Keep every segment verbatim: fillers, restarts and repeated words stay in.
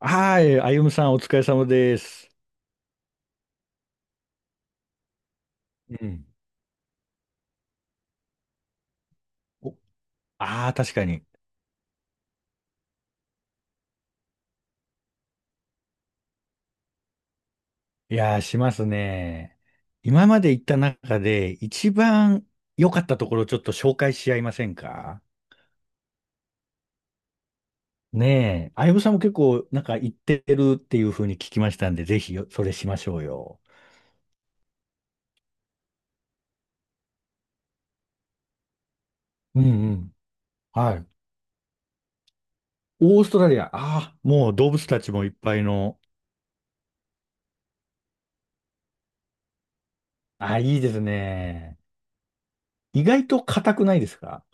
はい、あゆむさんお疲れ様です。うん。ああー、確かに。いやー、しますね。今まで行った中で一番良かったところをちょっと紹介し合いませんか？ねえ。あゆむさんも結構なんか行ってるっていうふうに聞きましたんで、ぜひよそれしましょうよ。うんうん。はい。オーストラリア、ああ、もう動物たちもいっぱいの。ああ、いいですね。意外と硬くないですか？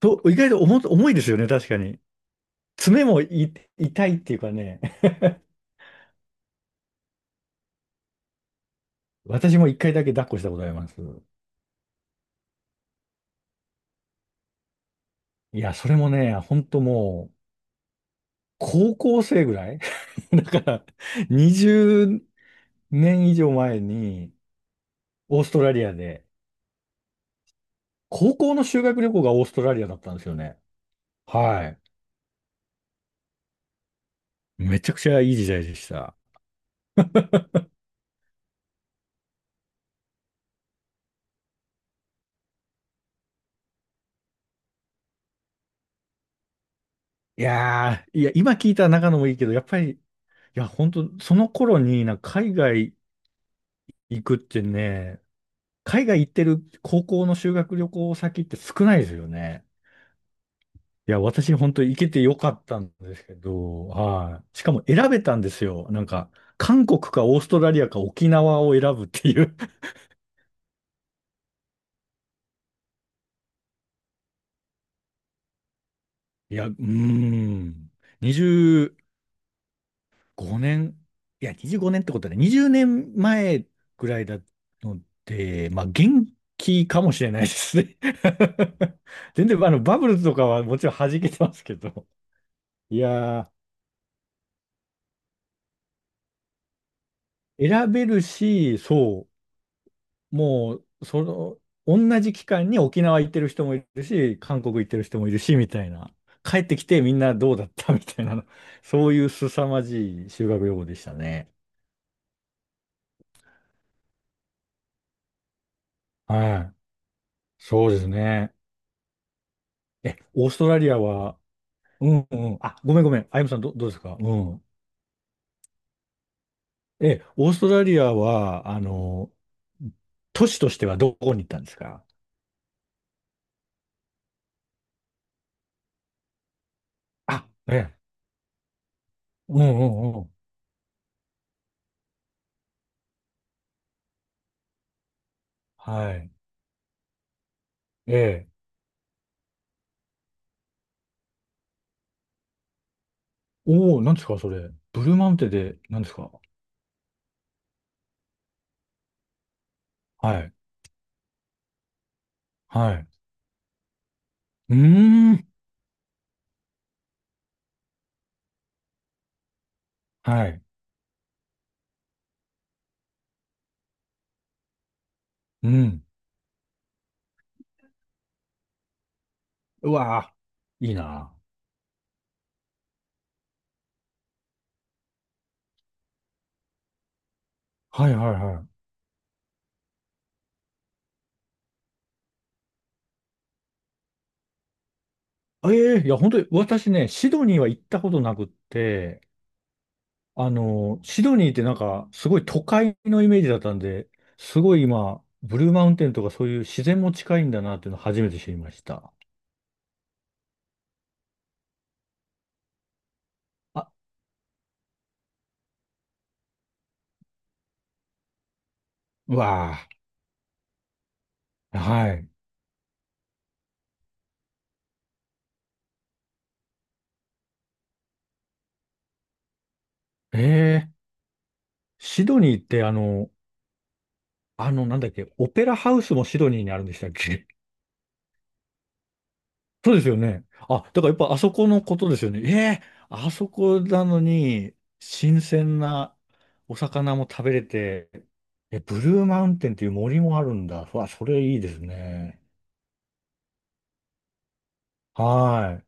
と、意外と重、重いですよね、確かに。爪もい痛いっていうかね、私も一回だけ抱っこしたことあります。いや、それもね、本当もう、高校生ぐらい だから、にじゅうねん以上前に、オーストラリアで、高校の修学旅行がオーストラリアだったんですよね。はい。めちゃくちゃいい時代でした。いやー、いや、今聞いた中野もいいけど、やっぱり、いや、本当その頃になんか海外行くってね、海外行ってる高校の修学旅行先って少ないですよね。いや、私本当に行けてよかったんですけど、はい。しかも選べたんですよ。なんか、韓国かオーストラリアか沖縄を選ぶっていう。いや、うーん。にじゅうごねん、いや、にじゅうごねんってことはね、にじゅうねんまえぐらいだので、まあ、元気かもしれないですね。全然、あの、バブルとかはもちろん弾けてますけど。いやー、選べるし、そうもう、その、同じ期間に沖縄行ってる人もいるし、韓国行ってる人もいるし、みたいな。帰ってきてみんなどうだったみたいな、そういう凄まじい修学旅行でしたね。はい。そうですね。え、オーストラリアは、うんうん。あ、ごめんごめん。あゆむさん、ど、どうですか？うん。え、オーストラリアは、あの、都市としてはどこに行ったんですか？あ、ええ。うんうんうん。はい。ええ。おお、なんですか、それ。ブルーマウンテンで、なんですか？はい。はい。うーん。はい。うん。うわーいいな。はいはいはい。ええいや、本当に、私ね、シドニーは行ったことなくって、あの、シドニーってなんか、すごい都会のイメージだったんで、すごい今、ブルーマウンテンとかそういう自然も近いんだなっていうのを初めて知りました。あ、うわあ。はい。ええシドニーってあの、あの、なんだっけ、オペラハウスもシドニーにあるんでしたっけ？そうですよね。あ、だからやっぱあそこのことですよね。ええあそこなのに、新鮮なお魚も食べれて、え、ブルーマウンテンっていう森もあるんだ。うわ、それいいですね。はい。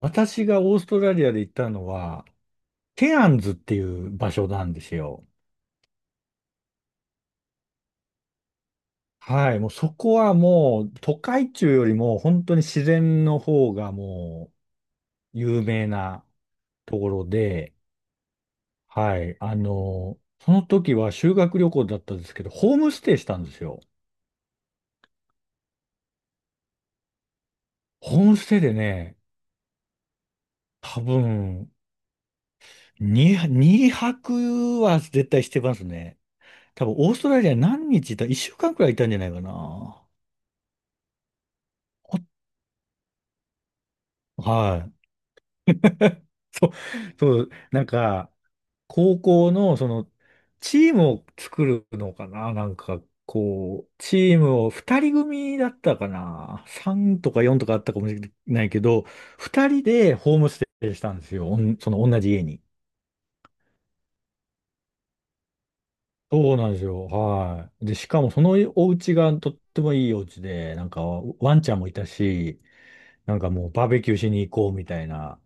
私がオーストラリアで行ったのは、ケアンズっていう場所なんですよ。はい。もうそこはもう、都会中よりも本当に自然の方がもう有名なところで、はい。あの、その時は修学旅行だったんですけど、ホームステイしたんですよ。ホームステイでね、多分、に、二泊は絶対してますね。多分、オーストラリア何日いた ?いっ 週間くらいいたんじゃないかな。はい。そう、そう、なんか、高校の、その、チームを作るのかななんか、こう、チームをふたり組だったかな ?さん とかよんとかあったかもしれないけど、ふたりでホームステイしたんですよ。おんその同じ家に。そうなんですよ。はい。で、しかもそのお家がとってもいいお家で、なんかワンちゃんもいたし、なんかもうバーベキューしに行こうみたいな、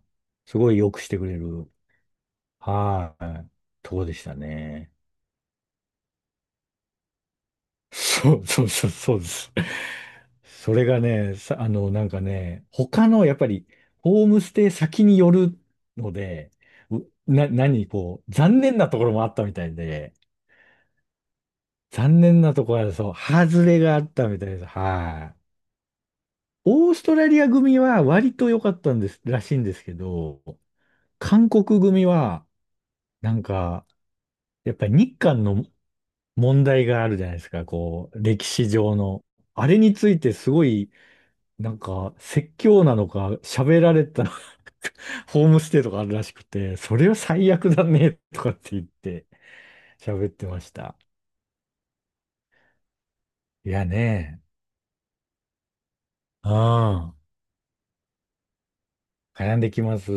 すごいよくしてくれる、はい、とこでしたね。そうそうそう、そうです。それがね、さ、あの、なんかね、他のやっぱりホームステイ先によるので、うな、何、こう、残念なところもあったみたいで、残念なところは、そう、外れがあったみたいです。はい。オーストラリア組は割と良かったんです、らしいんですけど、韓国組は、なんか、やっぱり日韓の問題があるじゃないですか、こう、歴史上の。あれについてすごい、なんか、説教なのか、喋られたのか ホームステイとかあるらしくて、それは最悪だね、とかって言って喋ってました。いやね、うん、悩んできます。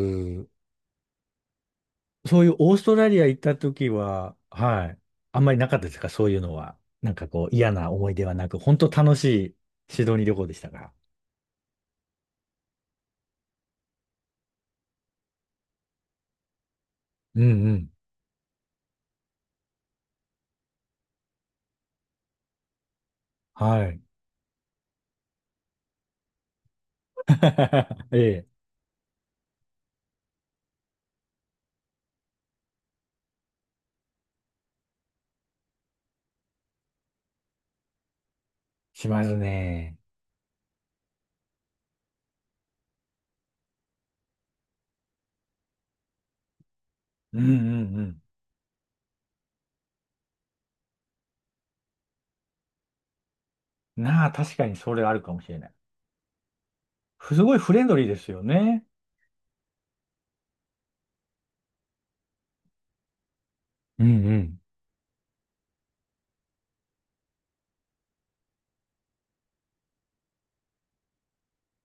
そういうオーストラリア行った時は、はい、あんまりなかったですか？そういうのは。なんかこう、嫌な思い出はなく、本当楽しいシドニー旅行でしたか？うんうん。はい。ええ、しますね。うんうんうん。なあ、確かにそれあるかもしれない。すごいフレンドリーですよね。うんうん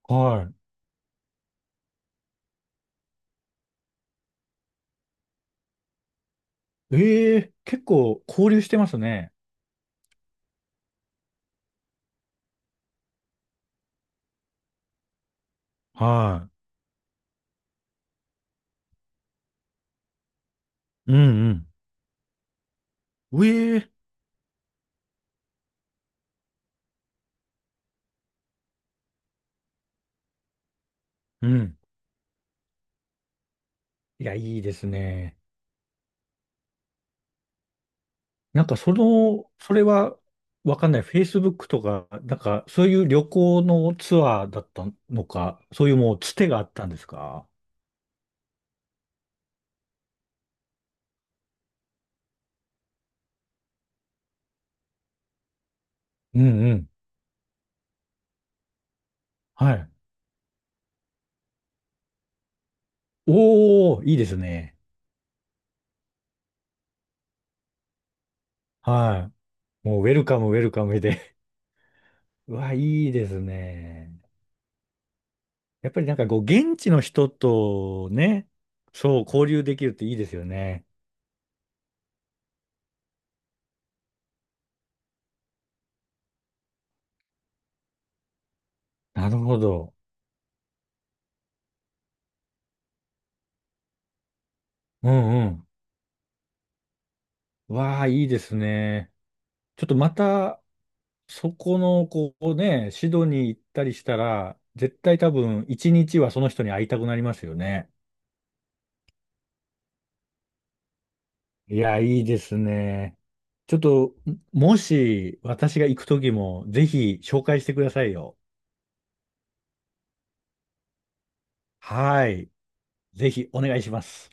はい。ええ、結構交流してますね。はい。うんうん。ええ。うん。いや、いいですね。なんかその、それはわかんない。Facebook とか、なんかそういう旅行のツアーだったのか、そういうもうつてがあったんですか？うんうん。はい。おー、いいですね。はい。もうウェルカム、ウェルカムで。うわ、いいですね。やっぱりなんかこう、現地の人とね、そう、交流できるっていいですよね。なるほど。うんうん。わあ、いいですね。ちょっとまた、そこの、こうね、シドニー行ったりしたら、絶対多分、一日はその人に会いたくなりますよね。いや、いいですね。ちょっと、もし、私が行くときも、ぜひ、紹介してくださいよ。はい。ぜひ、お願いします。